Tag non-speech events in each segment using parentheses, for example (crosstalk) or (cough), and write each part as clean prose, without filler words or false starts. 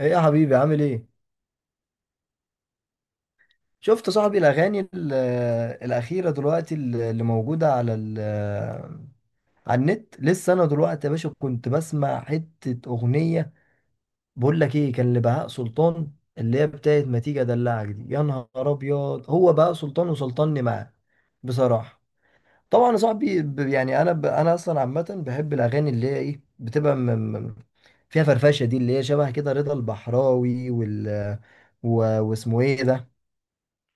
ايه يا حبيبي، عامل ايه؟ شفت صاحبي الاغاني الاخيره دلوقتي اللي موجوده على النت؟ لسه انا دلوقتي يا باشا كنت بسمع حته اغنيه. بقول لك ايه، كان لبهاء سلطان اللي هي بتاعت ما تيجي ادلعك. دي يا نهار ابيض، هو بهاء سلطان وسلطني معاه بصراحه. طبعا يا صاحبي، يعني انا اصلا عامه بحب الاغاني اللي هي ايه بتبقى م- فيها فرفشه، دي اللي هي شبه كده رضا البحراوي، و... واسمه ايه ده،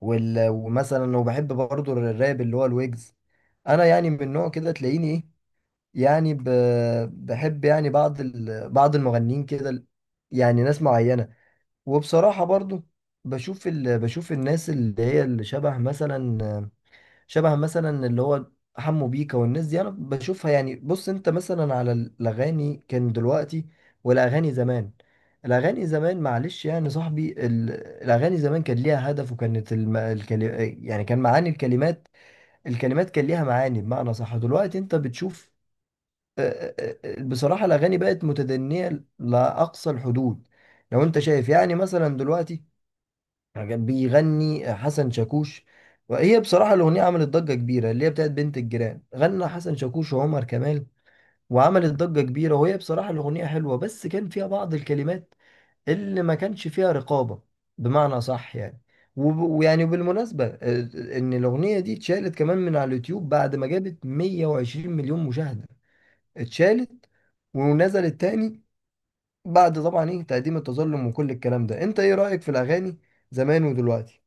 ومثلا وبحب برضو الراب اللي هو الويجز. انا يعني من نوع كده تلاقيني ايه، يعني بحب يعني بعض المغنيين كده، يعني ناس معينة. وبصراحة برضو بشوف الناس اللي هي اللي شبه مثلا اللي هو حمو بيكا والناس دي انا بشوفها. يعني بص انت مثلا على الاغاني كان دلوقتي والاغاني زمان. الاغاني زمان معلش يعني صاحبي، الاغاني زمان كان ليها هدف وكانت يعني كان معاني الكلمات، الكلمات كان ليها معاني، بمعنى صح دلوقتي انت بتشوف. آه، بصراحة الاغاني بقت متدنية لاقصى الحدود. لو انت شايف يعني مثلا دلوقتي كان بيغني حسن شاكوش، وهي بصراحة الأغنية عملت ضجة كبيرة، اللي هي بتاعت بنت الجيران، غنى حسن شاكوش وعمر كمال وعملت ضجة كبيرة. وهي بصراحة الأغنية حلوة، بس كان فيها بعض الكلمات اللي ما كانش فيها رقابة، بمعنى صح يعني. وب- ويعني بالمناسبة إن الأغنية دي اتشالت كمان من على اليوتيوب بعد ما جابت 120 مليون مشاهدة، اتشالت ونزلت تاني بعد طبعا ايه تقديم التظلم وكل الكلام ده. انت ايه رأيك في الأغاني زمان ودلوقتي؟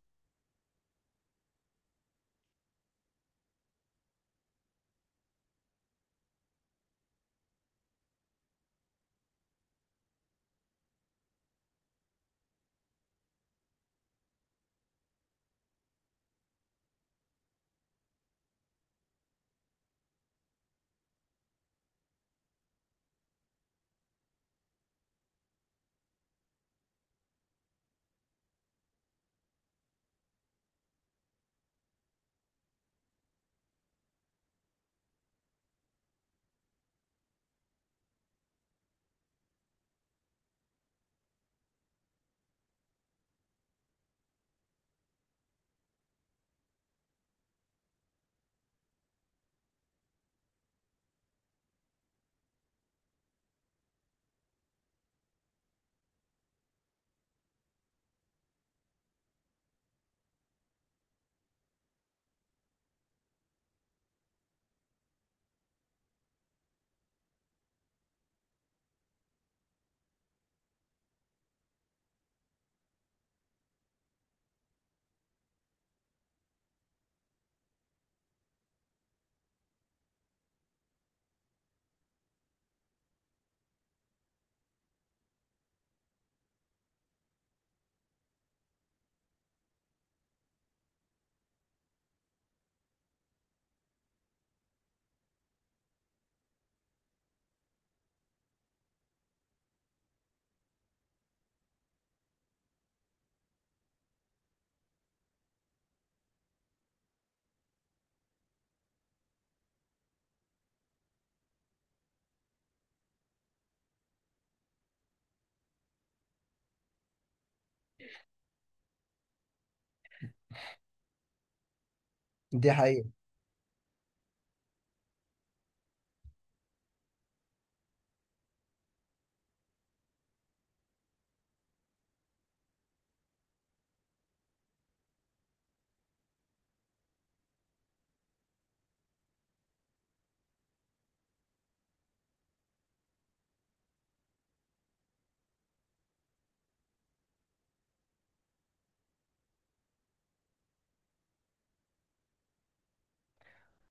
دي حقيقة.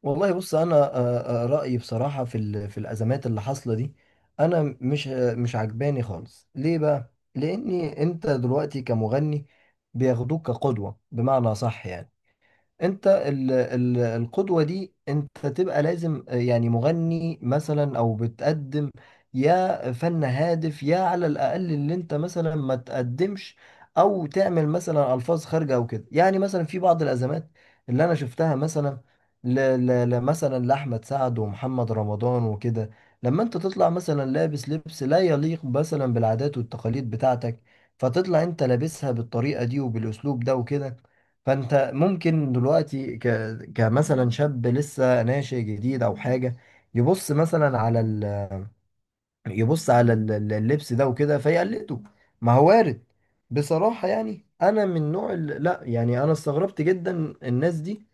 والله بص، انا رايي بصراحه في الازمات اللي حاصله دي، انا مش عجباني خالص. ليه بقى؟ لاني انت دلوقتي كمغني بياخدوك كقدوه، بمعنى صح يعني، انت ال ال القدوة دي انت تبقى لازم، يعني مغني مثلا او بتقدم يا فن هادف يا على الاقل اللي انت مثلا ما تقدمش او تعمل مثلا الفاظ خارجة او كده. يعني مثلا في بعض الازمات اللي انا شفتها، مثلا مثلا لاحمد سعد ومحمد رمضان وكده، لما انت تطلع مثلا لابس لبس لا يليق مثلا بالعادات والتقاليد بتاعتك، فتطلع انت لابسها بالطريقة دي وبالاسلوب ده وكده، فانت ممكن دلوقتي كمثلا شاب لسه ناشئ جديد او حاجه يبص مثلا على، يبص على اللبس ده وكده فيقلده. ما هو وارد. بصراحة يعني، أنا من نوع لا يعني، أنا استغربت جدا الناس دي.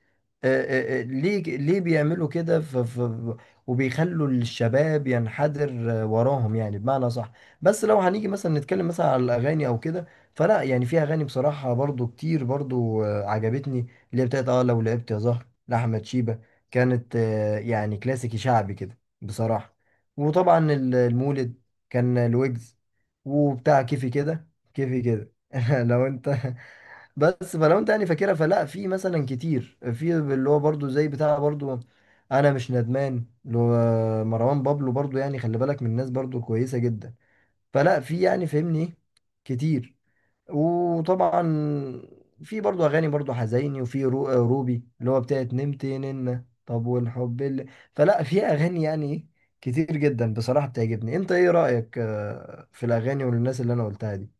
آه، ليه بيعملوا كده؟ وبيخلوا الشباب ينحدر وراهم، يعني بمعنى صح. بس لو هنيجي مثلا نتكلم مثلا على الأغاني أو كده، فلا يعني في أغاني بصراحة برضو كتير، برضو عجبتني، اللي هي بتاعت لو لعبت يا زهر لأحمد شيبة، كانت يعني كلاسيكي شعبي كده بصراحة. وطبعا المولد كان الويجز وبتاع كيفي كده كيفي كده (laughs) لو انت بس فلو انت يعني فاكرها، فلا في مثلا كتير في اللي هو برضو زي بتاع برضو، انا مش ندمان اللي هو مروان بابلو برضو، يعني خلي بالك من الناس برضو كويسة جدا، فلا في يعني فهمني ايه، كتير. وطبعا في برضو اغاني برضو حزيني، وفي روبي اللي هو بتاعت نمت ننة طب والحب اللي، فلا في اغاني يعني كتير جدا بصراحة بتعجبني. انت ايه رأيك في الاغاني والناس اللي انا قلتها دي؟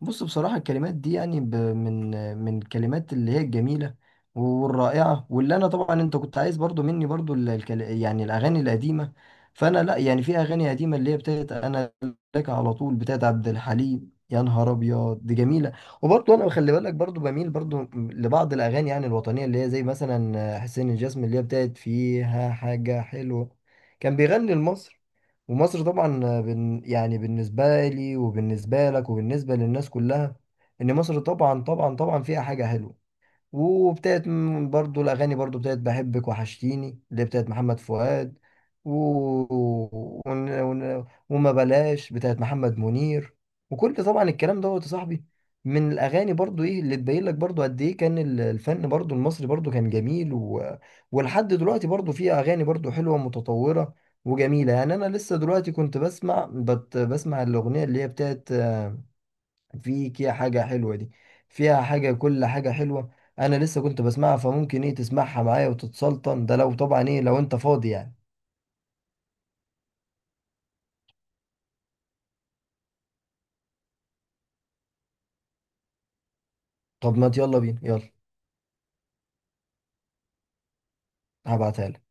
بص بصراحة الكلمات دي يعني من الكلمات اللي هي الجميلة والرائعة، واللي أنا طبعا أنت كنت عايز برضو مني برضو يعني الأغاني القديمة. فأنا لأ يعني، في أغاني قديمة اللي هي بتاعت، أنا لك على طول بتاعت عبد الحليم يا نهار أبيض دي جميلة. وبرضو أنا خلي بالك برضو بميل برضو لبعض الأغاني يعني الوطنية اللي هي زي مثلا حسين الجسمي اللي هي بتاعت فيها حاجة حلوة، كان بيغني لمصر، ومصر طبعا يعني بالنسبة لي وبالنسبة لك وبالنسبة للناس كلها، إن مصر طبعا طبعا طبعا فيها حاجة حلوة. وابتدت برضو الأغاني برضو ابتدت بحبك وحشتيني اللي بتاعت محمد فؤاد، و... وما بلاش بتاعت محمد منير، وكل طبعا الكلام دوت يا صاحبي من الأغاني برضو، إيه اللي تبين لك برضو قد إيه كان الفن برضو المصري برضو كان جميل، و... ولحد دلوقتي برضو فيه أغاني برضو حلوة متطورة وجميلة. يعني أنا لسه دلوقتي كنت بسمع الأغنية اللي هي بتاعت في كده حاجة حلوة دي، فيها حاجة، كل حاجة حلوة. أنا لسه كنت بسمعها، فممكن إيه تسمعها معايا وتتسلطن، ده لو طبعا إيه لو أنت فاضي يعني. طب ما يلا بينا، يلا هبعتها لك.